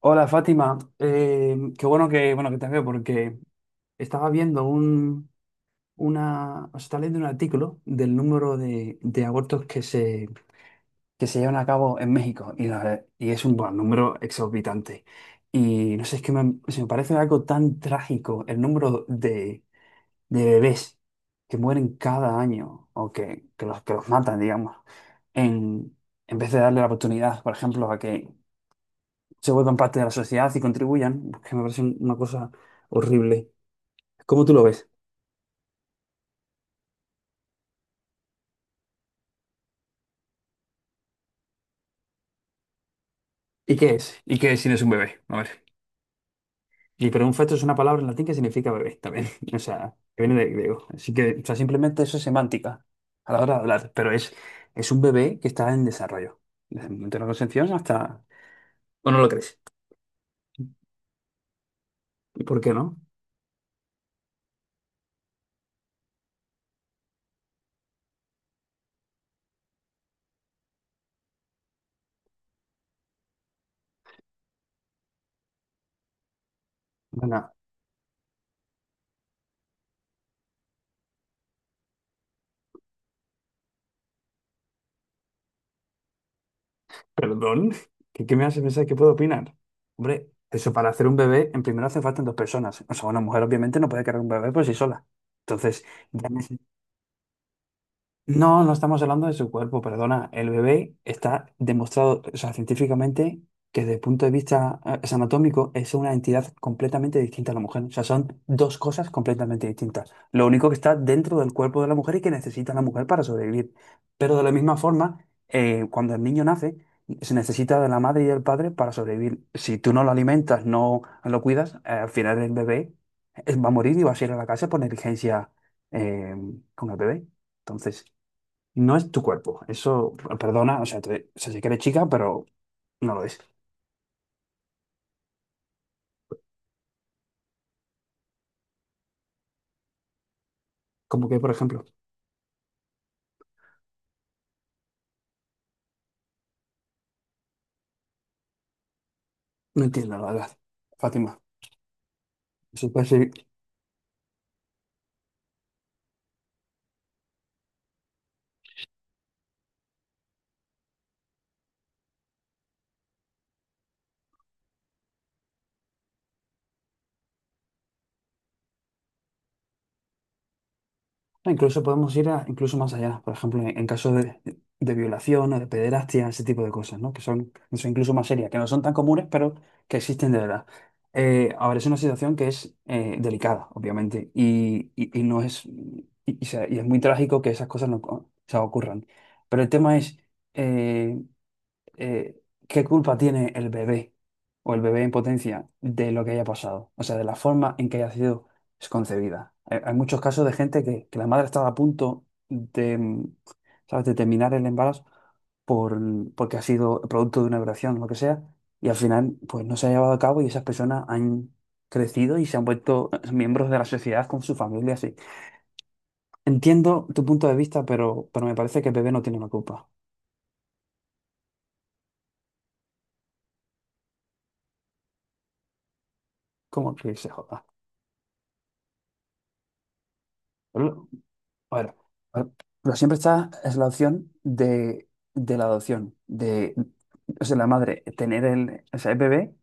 Hola Fátima. Qué bueno que te veo porque estaba viendo un, una, o sea, estaba leyendo un artículo del número de abortos que se llevan a cabo en México y, es un número exorbitante. Y no sé, es que se me parece algo tan trágico el número de bebés que mueren cada año o que los matan, digamos, en, en vez de darle la oportunidad, por ejemplo, a que se vuelvan parte de la sociedad y contribuyan, pues, que me parece una cosa horrible. ¿Cómo tú lo ves? ¿Y qué es? ¿Y qué es si no es un bebé? A ver. Y pero un feto es una palabra en latín que significa bebé también. O sea, que viene de griego. Así que, o sea, simplemente eso es semántica a la hora de hablar. Es un bebé que está en desarrollo. Desde el momento de la concepción hasta... ¿O no lo crees? ¿Y por qué no? Venga. ¿Perdón? Qué me hace pensar que puedo opinar? Hombre, eso para hacer un bebé, en primero hace falta dos personas. O sea, una mujer obviamente no puede cargar un bebé por sí sola. Entonces, ya me, no, no estamos hablando de su cuerpo, perdona. El bebé está demostrado, o sea, científicamente, que desde el punto de vista es anatómico es una entidad completamente distinta a la mujer. O sea, son dos cosas completamente distintas. Lo único que está dentro del cuerpo de la mujer y que necesita la mujer para sobrevivir. Pero de la misma forma, cuando el niño nace, se necesita de la madre y del padre para sobrevivir. Si tú no lo alimentas, no lo cuidas, al final el bebé va a morir y va a ir a la casa por negligencia eh, con el bebé. Entonces... No es tu cuerpo. Eso, perdona, o sea, sé que eres chica, pero no lo es. Como que, por ejemplo, no entiendo, la verdad. Fátima, eso puede ser- no, incluso podemos ir a, incluso más allá, por ejemplo, en caso de violación o de pederastia, ese tipo de cosas, ¿no? Que son incluso más serias, que no son tan comunes, pero que existen de verdad. Ahora, es una situación que es delicada, obviamente, y no es, y es muy trágico que esas cosas no co- o ocurran. Pero el tema es... eh, eh, ¿qué culpa tiene el bebé o el bebé en potencia de lo que haya pasado? O sea, de la forma en que haya sido concebida. Hay muchos casos de gente que la madre estaba a punto de, ¿sabes? De terminar el embarazo por, porque ha sido producto de una violación o lo que sea, y al final pues no se ha llevado a cabo y esas personas han crecido y se han vuelto miembros de la sociedad con su familia, así. Entiendo tu punto de vista, pero me parece que el bebé no tiene una culpa. ¿Cómo que se joda? Bueno, bueno, pero siempre está es la opción de la adopción, de, o sea, la madre tener o sea, el bebé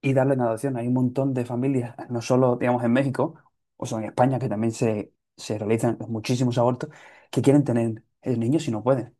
y darle en adopción. Hay un montón de familias, no solo, digamos, en México, o sea, en España, que también se realizan muchísimos abortos, que quieren tener el niño si no pueden.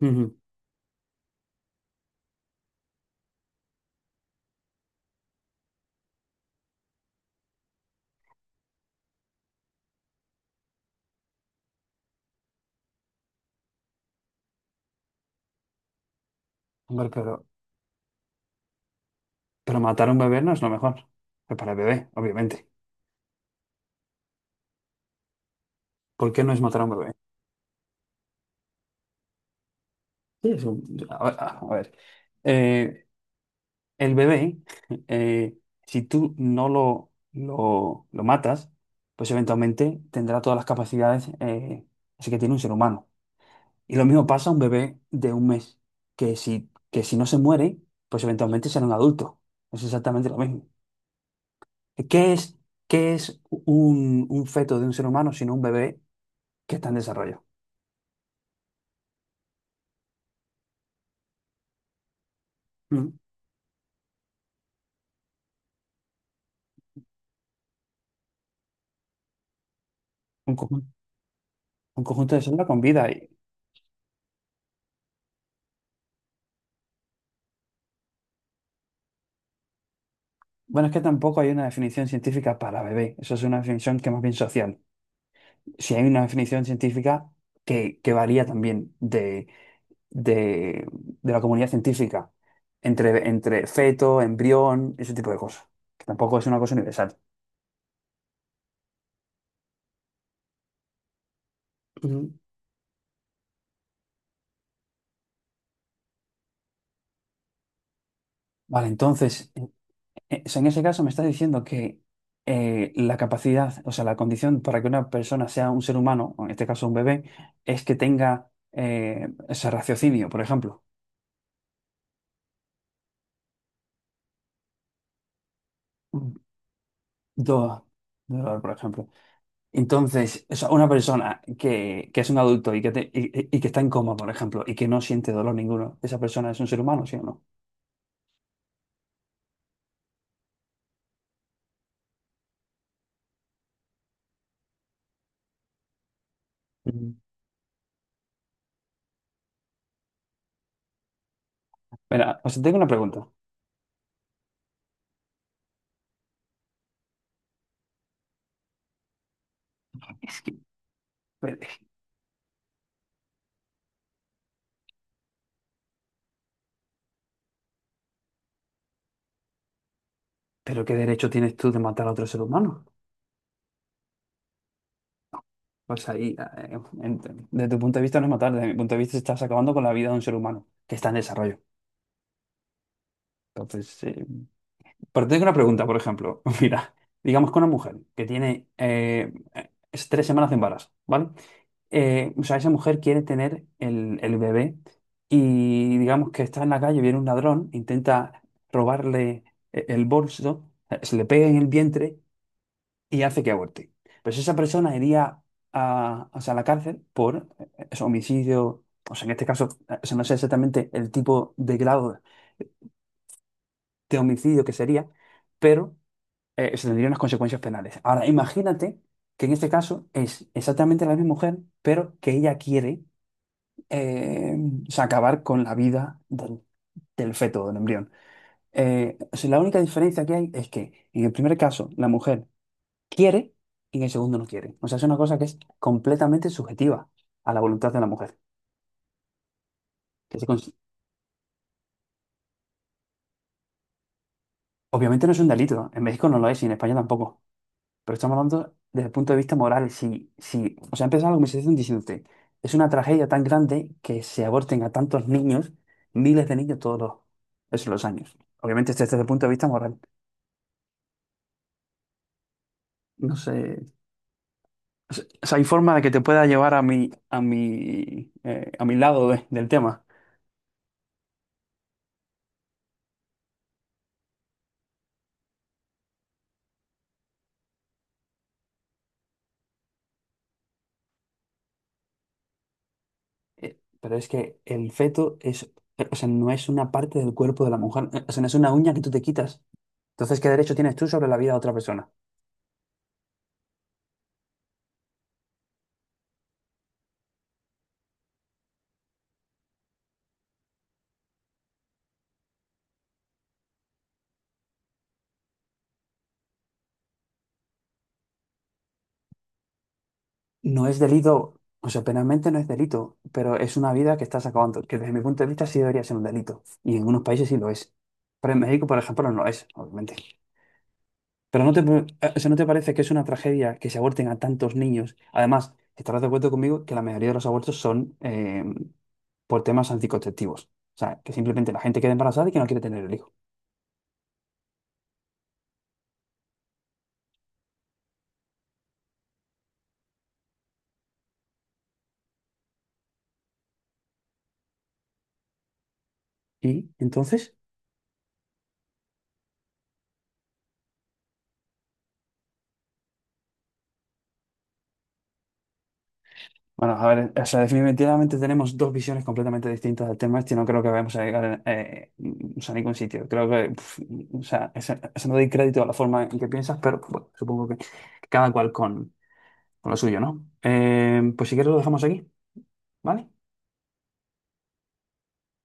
Ujú. Hombre, pero matar a un bebé no es lo mejor. Pues para el bebé, obviamente. ¿Por qué no es matar a un bebé? Sí, es un- a ver, a ver. eh, El bebé, eh, si tú no lo matas, pues eventualmente tendrá todas las capacidades así que tiene un ser humano. Y lo mismo pasa a un bebé de un mes, que si no se muere, pues eventualmente será un adulto. Es exactamente lo mismo. ¿Qué es, ¿qué es un feto de un ser humano sino un bebé que está en desarrollo? ¿Mm? Un, conju- un conjunto de células con vida. Y, bueno, es que tampoco hay una definición científica para bebé. Eso es una definición que más bien social. Si hay una definición científica que varía también de, de la comunidad científica, entre feto, embrión, ese tipo de cosas, que tampoco es una cosa universal. Ujú. Vale, entonces, en ese caso me estás diciendo que la capacidad, o sea, la condición para que una persona sea un ser humano, o en este caso un bebé, es que tenga ese raciocinio, por ejemplo. Mm. Do- Dolor, por ejemplo. Entonces, o sea, una persona que es un adulto y y que está en coma, por ejemplo, y que no siente dolor ninguno, ¿esa persona es un ser humano, sí o no? Mm. Mira, o sea, tengo una pregunta. Es que, pero, pero ¿qué derecho tienes tú de matar a otro ser humano? Pues ahí, desde tu punto de vista no es matar, desde mi punto de vista estás acabando con la vida de un ser humano que está en desarrollo. Entonces, pero te tengo una pregunta, por ejemplo. Mira, digamos que una mujer que tiene es 3 semanas de embarazo, ¿vale? O sea, esa mujer quiere tener el bebé y digamos que está en la calle, viene un ladrón, intenta robarle el bolso, se le pega en el vientre y hace que aborte. Pues esa persona iría a, o sea, a la cárcel por eso, homicidio, o sea, en este caso, o sea, no sé exactamente el tipo de grado de homicidio que sería, pero se tendrían unas consecuencias penales. Ahora, imagínate que en este caso es exactamente la misma mujer, pero que ella quiere eh, o sea, acabar con la vida del feto, del embrión. O sea, la única diferencia que hay es que en el primer caso la mujer quiere y en el segundo no quiere. O sea, es una cosa que es completamente subjetiva a la voluntad de la mujer. Que se cons- Obviamente no es un delito. En México no lo es y en España tampoco. Pero estamos hablando desde el punto de vista moral. Si, si, O sea, empezaba la conversación diciéndote, es una tragedia tan grande que se aborten a tantos niños, miles de niños esos los años. Obviamente desde el punto de vista moral. No sé. O sea, hay forma de que te pueda llevar a mi, a mi lado del tema. Pero es que el feto es, o sea, no es una parte del cuerpo de la mujer. O sea, no es una uña que tú te quitas. Entonces, ¿qué derecho tienes tú sobre la vida de otra persona? No es delito, o sea, penalmente no es delito, pero es una vida que estás acabando, que desde mi punto de vista sí debería ser un delito. Y en algunos países sí lo es. Pero en México, por ejemplo, no lo es, obviamente. Pero no te, o sea, ¿no te parece que es una tragedia que se aborten a tantos niños? Además, estarás de acuerdo conmigo que la mayoría de los abortos son por temas anticonceptivos. O sea, que simplemente la gente queda embarazada y que no quiere tener el hijo. ¿Y entonces? Bueno, a ver, o sea, definitivamente tenemos dos visiones completamente distintas del tema este y no creo que vayamos a llegar a ningún sitio. Creo que, pf, ese no doy crédito a la forma en que piensas, pero bueno, supongo que cada cual con lo suyo, ¿no? Pues si quieres lo dejamos aquí, ¿vale?